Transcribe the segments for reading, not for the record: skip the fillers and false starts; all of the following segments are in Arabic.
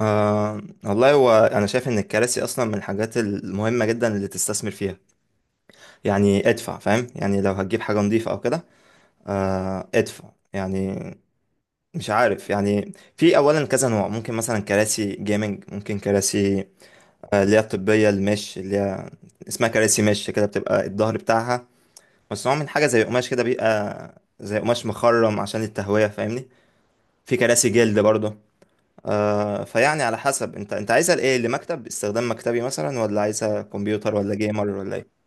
آه والله، هو أنا شايف إن الكراسي أصلا من الحاجات المهمة جدا اللي تستثمر فيها يعني. ادفع، فاهم؟ يعني لو هتجيب حاجة نظيفة أو كده. آه، ادفع يعني. مش عارف يعني، في أولا كذا نوع، ممكن مثلا كراسي جيمنج، ممكن كراسي آه، اللي هي الطبية، المش اللي هي اسمها كراسي، مش كده، بتبقى الظهر بتاعها مصنوع من حاجة زي قماش كده، بيبقى زي قماش مخرم عشان التهوية، فاهمني؟ في كراسي جلد برضه. آه، فيعني على حسب انت عايزها لايه، لمكتب استخدام مكتبي مثلا، ولا عايزها كمبيوتر، ولا جيمر، ولا ايه؟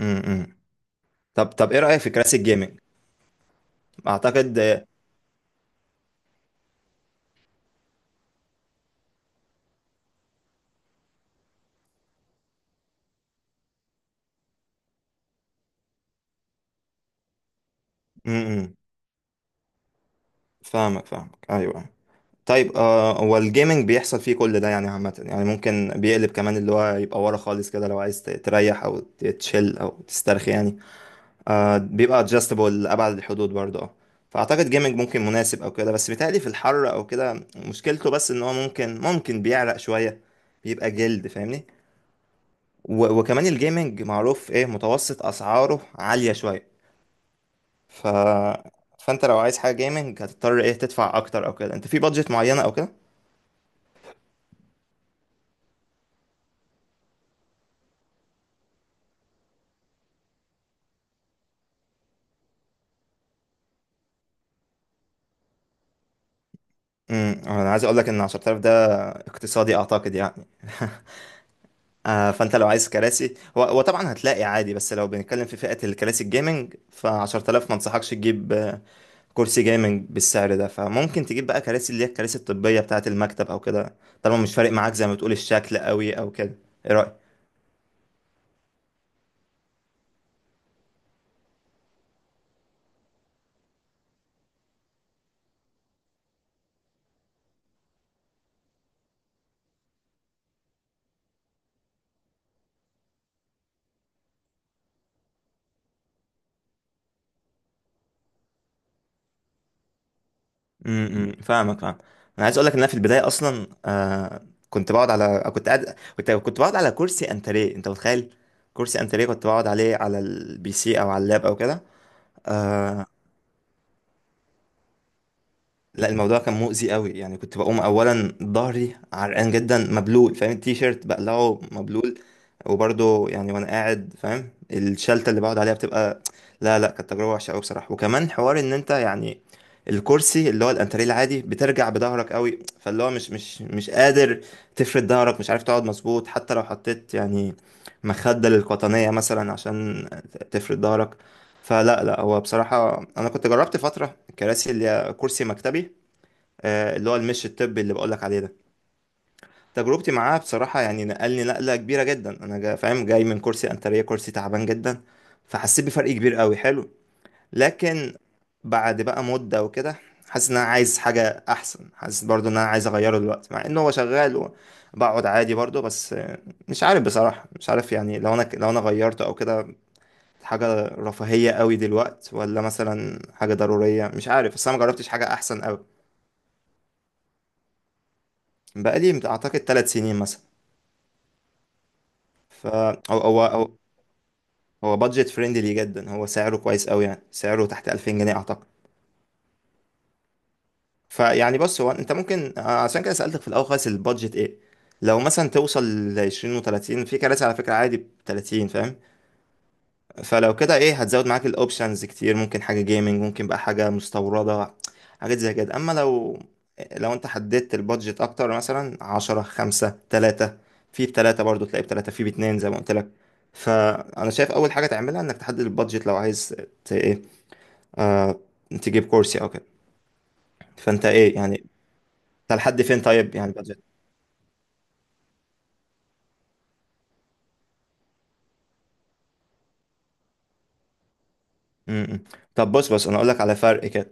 امم طب، ايه رأيك في كراسي الجيمنج؟ اعتقد. امم فاهمك فاهمك، ايوه. طيب، آه، هو الجيمنج بيحصل فيه كل ده يعني عامة، يعني ممكن بيقلب كمان، اللي هو يبقى ورا خالص كده لو عايز تريح او تشيل او تسترخي يعني. آه، بيبقى ادجستبل لأبعد الحدود برضه، اه. فأعتقد جيمنج ممكن مناسب أو كده، بس بيتهيألي في الحر أو كده مشكلته، بس إن هو ممكن بيعرق شوية. بيبقى جلد، فاهمني؟ وكمان الجيمنج معروف إيه، متوسط أسعاره عالية شوية. ف... فأنت لو عايز حاجة جيمنج هتضطر إيه تدفع أكتر أو كده، أنت في بادجت معينة أو كده؟ أنا عايز أقولك إن 10000 ده اقتصادي أعتقد يعني. آه، فانت لو عايز كراسي، هو طبعا هتلاقي عادي، بس لو بنتكلم في فئة الكراسي الجيمنج، ف 10000 ما انصحكش تجيب، آه، كرسي جيمنج بالسعر ده. فممكن تجيب بقى كراسي، اللي هي الكراسي الطبية بتاعة المكتب او كده، طالما مش فارق معاك زي ما بتقول الشكل قوي او كده. ايه رأيك؟ فاهمك فاهم. انا عايز اقول لك ان انا في البداية اصلا، آه، كنت بقعد على كرسي انتريه، انت متخيل؟ كرسي انتريه كنت بقعد عليه على البي سي، او على اللاب او كده. آه، لا، الموضوع كان مؤذي قوي يعني. كنت بقوم اولا ظهري عرقان جدا، مبلول، فاهم؟ التيشيرت بقلعه مبلول. وبرضه يعني وانا قاعد، فاهم، الشلته اللي بقعد عليها بتبقى. لا، لا، كانت تجربه وحشه قوي بصراحه. وكمان حوار ان انت يعني الكرسي اللي هو الانتريه العادي بترجع بظهرك قوي، فاللي هو مش قادر تفرد ظهرك، مش عارف تقعد مظبوط حتى لو حطيت يعني مخدة للقطنية مثلا عشان تفرد ظهرك. فلا، لا، هو بصراحة أنا كنت جربت فترة الكراسي اللي هي كرسي مكتبي، آه، اللي هو المش الطبي اللي بقولك عليه ده. تجربتي معاه بصراحة يعني نقلني نقلة كبيرة جدا. أنا جا، فاهم، جاي من كرسي أنترية كرسي تعبان جدا، فحسيت بفرق كبير قوي، حلو. لكن بعد بقى مدة وكده، حاسس إن أنا عايز حاجة أحسن، حاسس برضو إن أنا عايز أغيره دلوقتي مع إن هو شغال وبقعد عادي برضو، بس آه، مش عارف بصراحة، مش عارف يعني لو أنا غيرته أو كده، حاجة رفاهية قوي دلوقتي ولا مثلا حاجة ضرورية، مش عارف، بس أنا مجربتش حاجة أحسن قوي. بقالي أعتقد 3 سنين مثلا. فهو هو هو هو بادجت فريندلي جدا، هو سعره كويس قوي يعني، سعره تحت 2000 جنيه اعتقد. فيعني، بص، هو انت ممكن، آه، عشان كده سألتك في الاول خالص البادجت ايه. لو مثلا توصل ل 20 و30، في كراسي على فكرة عادي ب 30، فاهم؟ فلو كده ايه، هتزود معاك الاوبشنز كتير، ممكن حاجه جيمنج، ممكن بقى حاجه مستورده، حاجات زي كده. اما لو انت حددت البادجت اكتر، مثلا عشرة خمسة تلاتة، في بتلاتة برضو تلاقي، بتلاتة في باتنين زي ما قلت لك. فانا شايف اول حاجه تعملها انك تحدد البادجت، لو عايز ايه، آه... تجيب كورسي او كده. فانت ايه يعني، انت لحد فين طيب يعني البادجت؟ م- م. طب بص، انا اقول لك على فرق كده.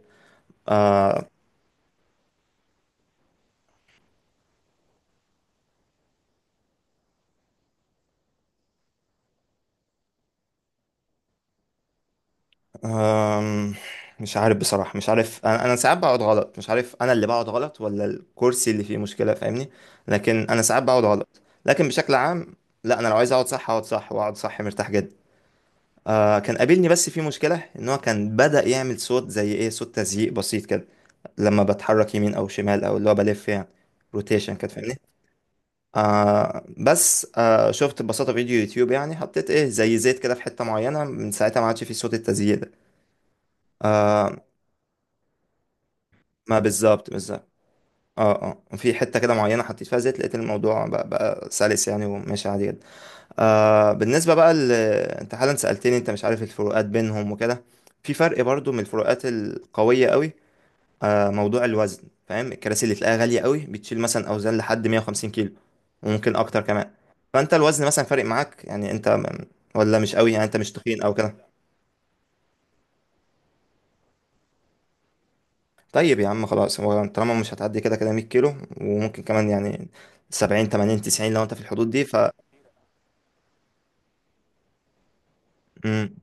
أم، مش عارف بصراحة، مش عارف، أنا ساعات بقعد غلط، مش عارف أنا اللي بقعد غلط ولا الكرسي اللي فيه مشكلة، فاهمني؟ لكن أنا ساعات بقعد غلط، لكن بشكل عام لا، أنا لو عايز أقعد صح أقعد صح، وأقعد صح مرتاح جدا. آه، كان قابلني بس في مشكلة إن هو كان بدأ يعمل صوت، زي إيه، صوت تزييق بسيط كده لما بتحرك يمين أو شمال، أو اللي هو بلف يعني، روتيشن كده، فاهمني؟ آه، بس آه شفت ببساطة فيديو يوتيوب يعني، حطيت إيه زي زيت كده في حتة معينة، من ساعتها ما عادش فيه صوت التزييق ده. آه، ما بالظبط بالظبط. اه، اه، وفي حته كده معينه حطيت فيها زيت، لقيت الموضوع بقى سلس يعني، وماشي عادي جدا. آه، بالنسبه بقى انت حالا سالتني انت مش عارف الفروقات بينهم وكده. في فرق برضو، من الفروقات القويه قوي، آه، موضوع الوزن، فاهم؟ الكراسي اللي تلاقيها غاليه قوي بتشيل مثلا اوزان لحد 150 كيلو، وممكن اكتر كمان. فانت الوزن مثلا فارق معاك يعني، انت ولا مش قوي، يعني انت مش تخين او كده؟ طيب يا عم، خلاص، هو طالما مش هتعدي كده كده 100 كيلو، وممكن كمان يعني 70 80 90، لو انت في الحدود دي، امم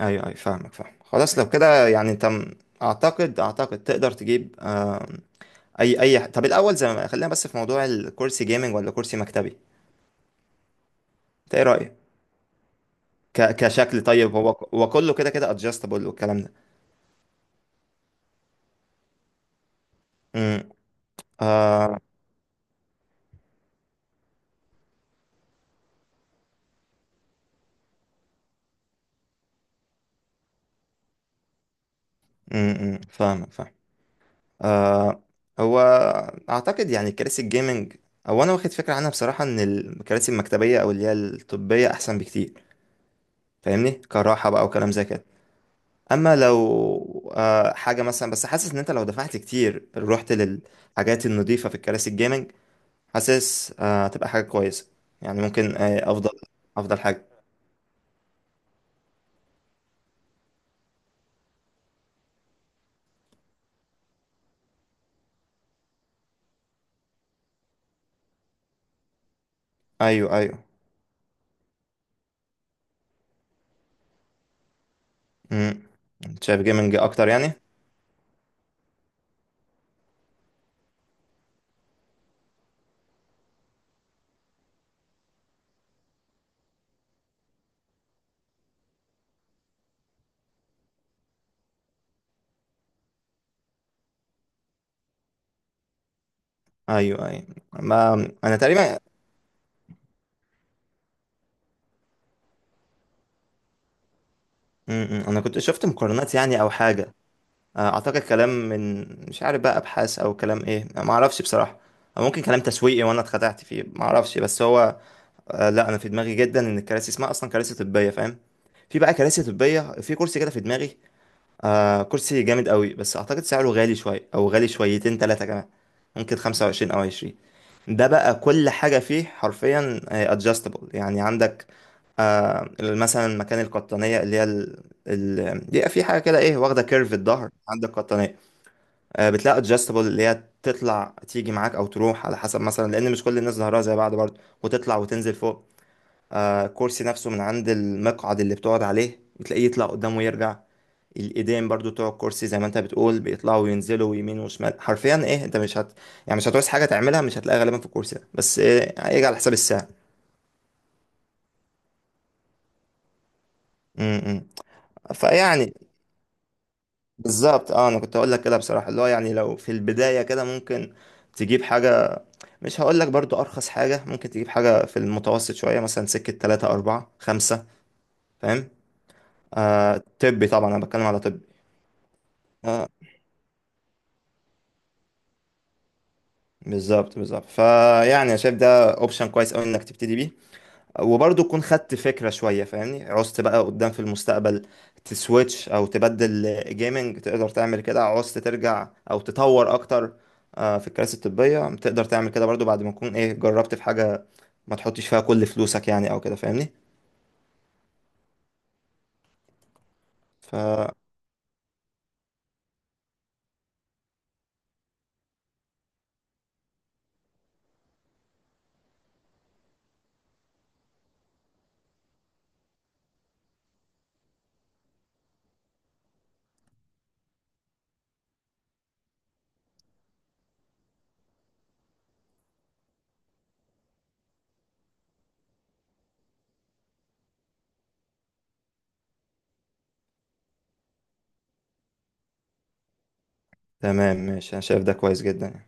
ايوه ايوه، فاهمك فاهم. خلاص لو كده يعني انت اعتقد تقدر تجيب، آه، اي اي، طب الاول، زي ما خلينا، بس في موضوع الكرسي جيمنج ولا كرسي مكتبي، انت ايه رايك، كشكل؟ طيب، هو هو كله كده كده ادجستبل والكلام ده. امم أمم، فاهمك فاهم. آه، هو اعتقد يعني كراسي الجيمنج، او انا واخد فكره عنها بصراحه، ان الكراسي المكتبيه، او اللي هي الطبيه، احسن بكتير. فاهمني؟ كراحه بقى وكلام زي كده. اما لو حاجه مثلا، بس حاسس ان انت لو دفعت كتير رحت للحاجات النظيفه في الكراسي الجيمنج، حاسس آه هتبقى حاجه كويسه، يعني ممكن آه افضل، افضل حاجه. ايوه ايوه. امم شايف جيمنج اكتر يعني. ايوه، ايوه، ما انا تقريبا. انا كنت شفت مقارنات يعني او حاجه، آه، اعتقد كلام من، مش عارف بقى، ابحاث او كلام، ايه ما اعرفش بصراحه. أو ممكن كلام تسويقي وانا اتخدعت فيه، ما اعرفش، بس هو آه، لا، انا في دماغي جدا ان الكراسي اسمها اصلا كراسي طبيه، فاهم؟ في بقى كراسي طبيه، في كرسي كده في دماغي، آه، كرسي جامد قوي، بس اعتقد سعره غالي شويه، او غالي شويتين ثلاثه كمان. ممكن 25 او 20. ده بقى كل حاجه فيه حرفيا ادجستبل يعني. عندك آه مثلا مكان القطنيه، اللي هي بيبقى في حاجه كده ايه، واخده كيرف الظهر، عندك قطنيه، آه، بتلاقي ادجستبل، اللي هي تطلع تيجي معاك او تروح على حسب، مثلا لان مش كل الناس ظهرها زي بعض برضه، وتطلع وتنزل فوق. آه، كرسي نفسه من عند المقعد اللي بتقعد عليه، بتلاقيه يطلع قدام ويرجع. الايدين برضو بتوع الكرسي، زي ما انت بتقول، بيطلعوا وينزلوا يمين وشمال حرفيا. ايه، انت مش هت يعني مش هتعوز حاجه تعملها مش هتلاقيها غالبا في الكرسي ده، بس إيه هيجي على حساب الساعه. امم. فيعني بالظبط، اه، انا كنت اقول لك كده بصراحه، اللي هو يعني لو في البدايه كده ممكن تجيب حاجه، مش هقول لك برضو ارخص حاجه، ممكن تجيب حاجه في المتوسط شويه، مثلا سكه 3 4 5، فاهم؟ آه، طبي طبعا، انا بتكلم على طبي. اه، بالظبط بالظبط، فيعني انا شايف ده اوبشن كويس قوي انك تبتدي بيه، وبرضه تكون خدت فكره شويه، فاهمني؟ عوزت بقى قدام في المستقبل تسويتش او تبدل جيمنج تقدر تعمل كده، عوزت ترجع او تطور اكتر، آه، في الكراسي الطبيه تقدر تعمل كده برضه بعد ما تكون ايه جربت في حاجه، ما تحطش فيها كل فلوسك يعني او كده، فاهمني؟ فتمام. ماشي، انا شايف ده كويس جدا يعني.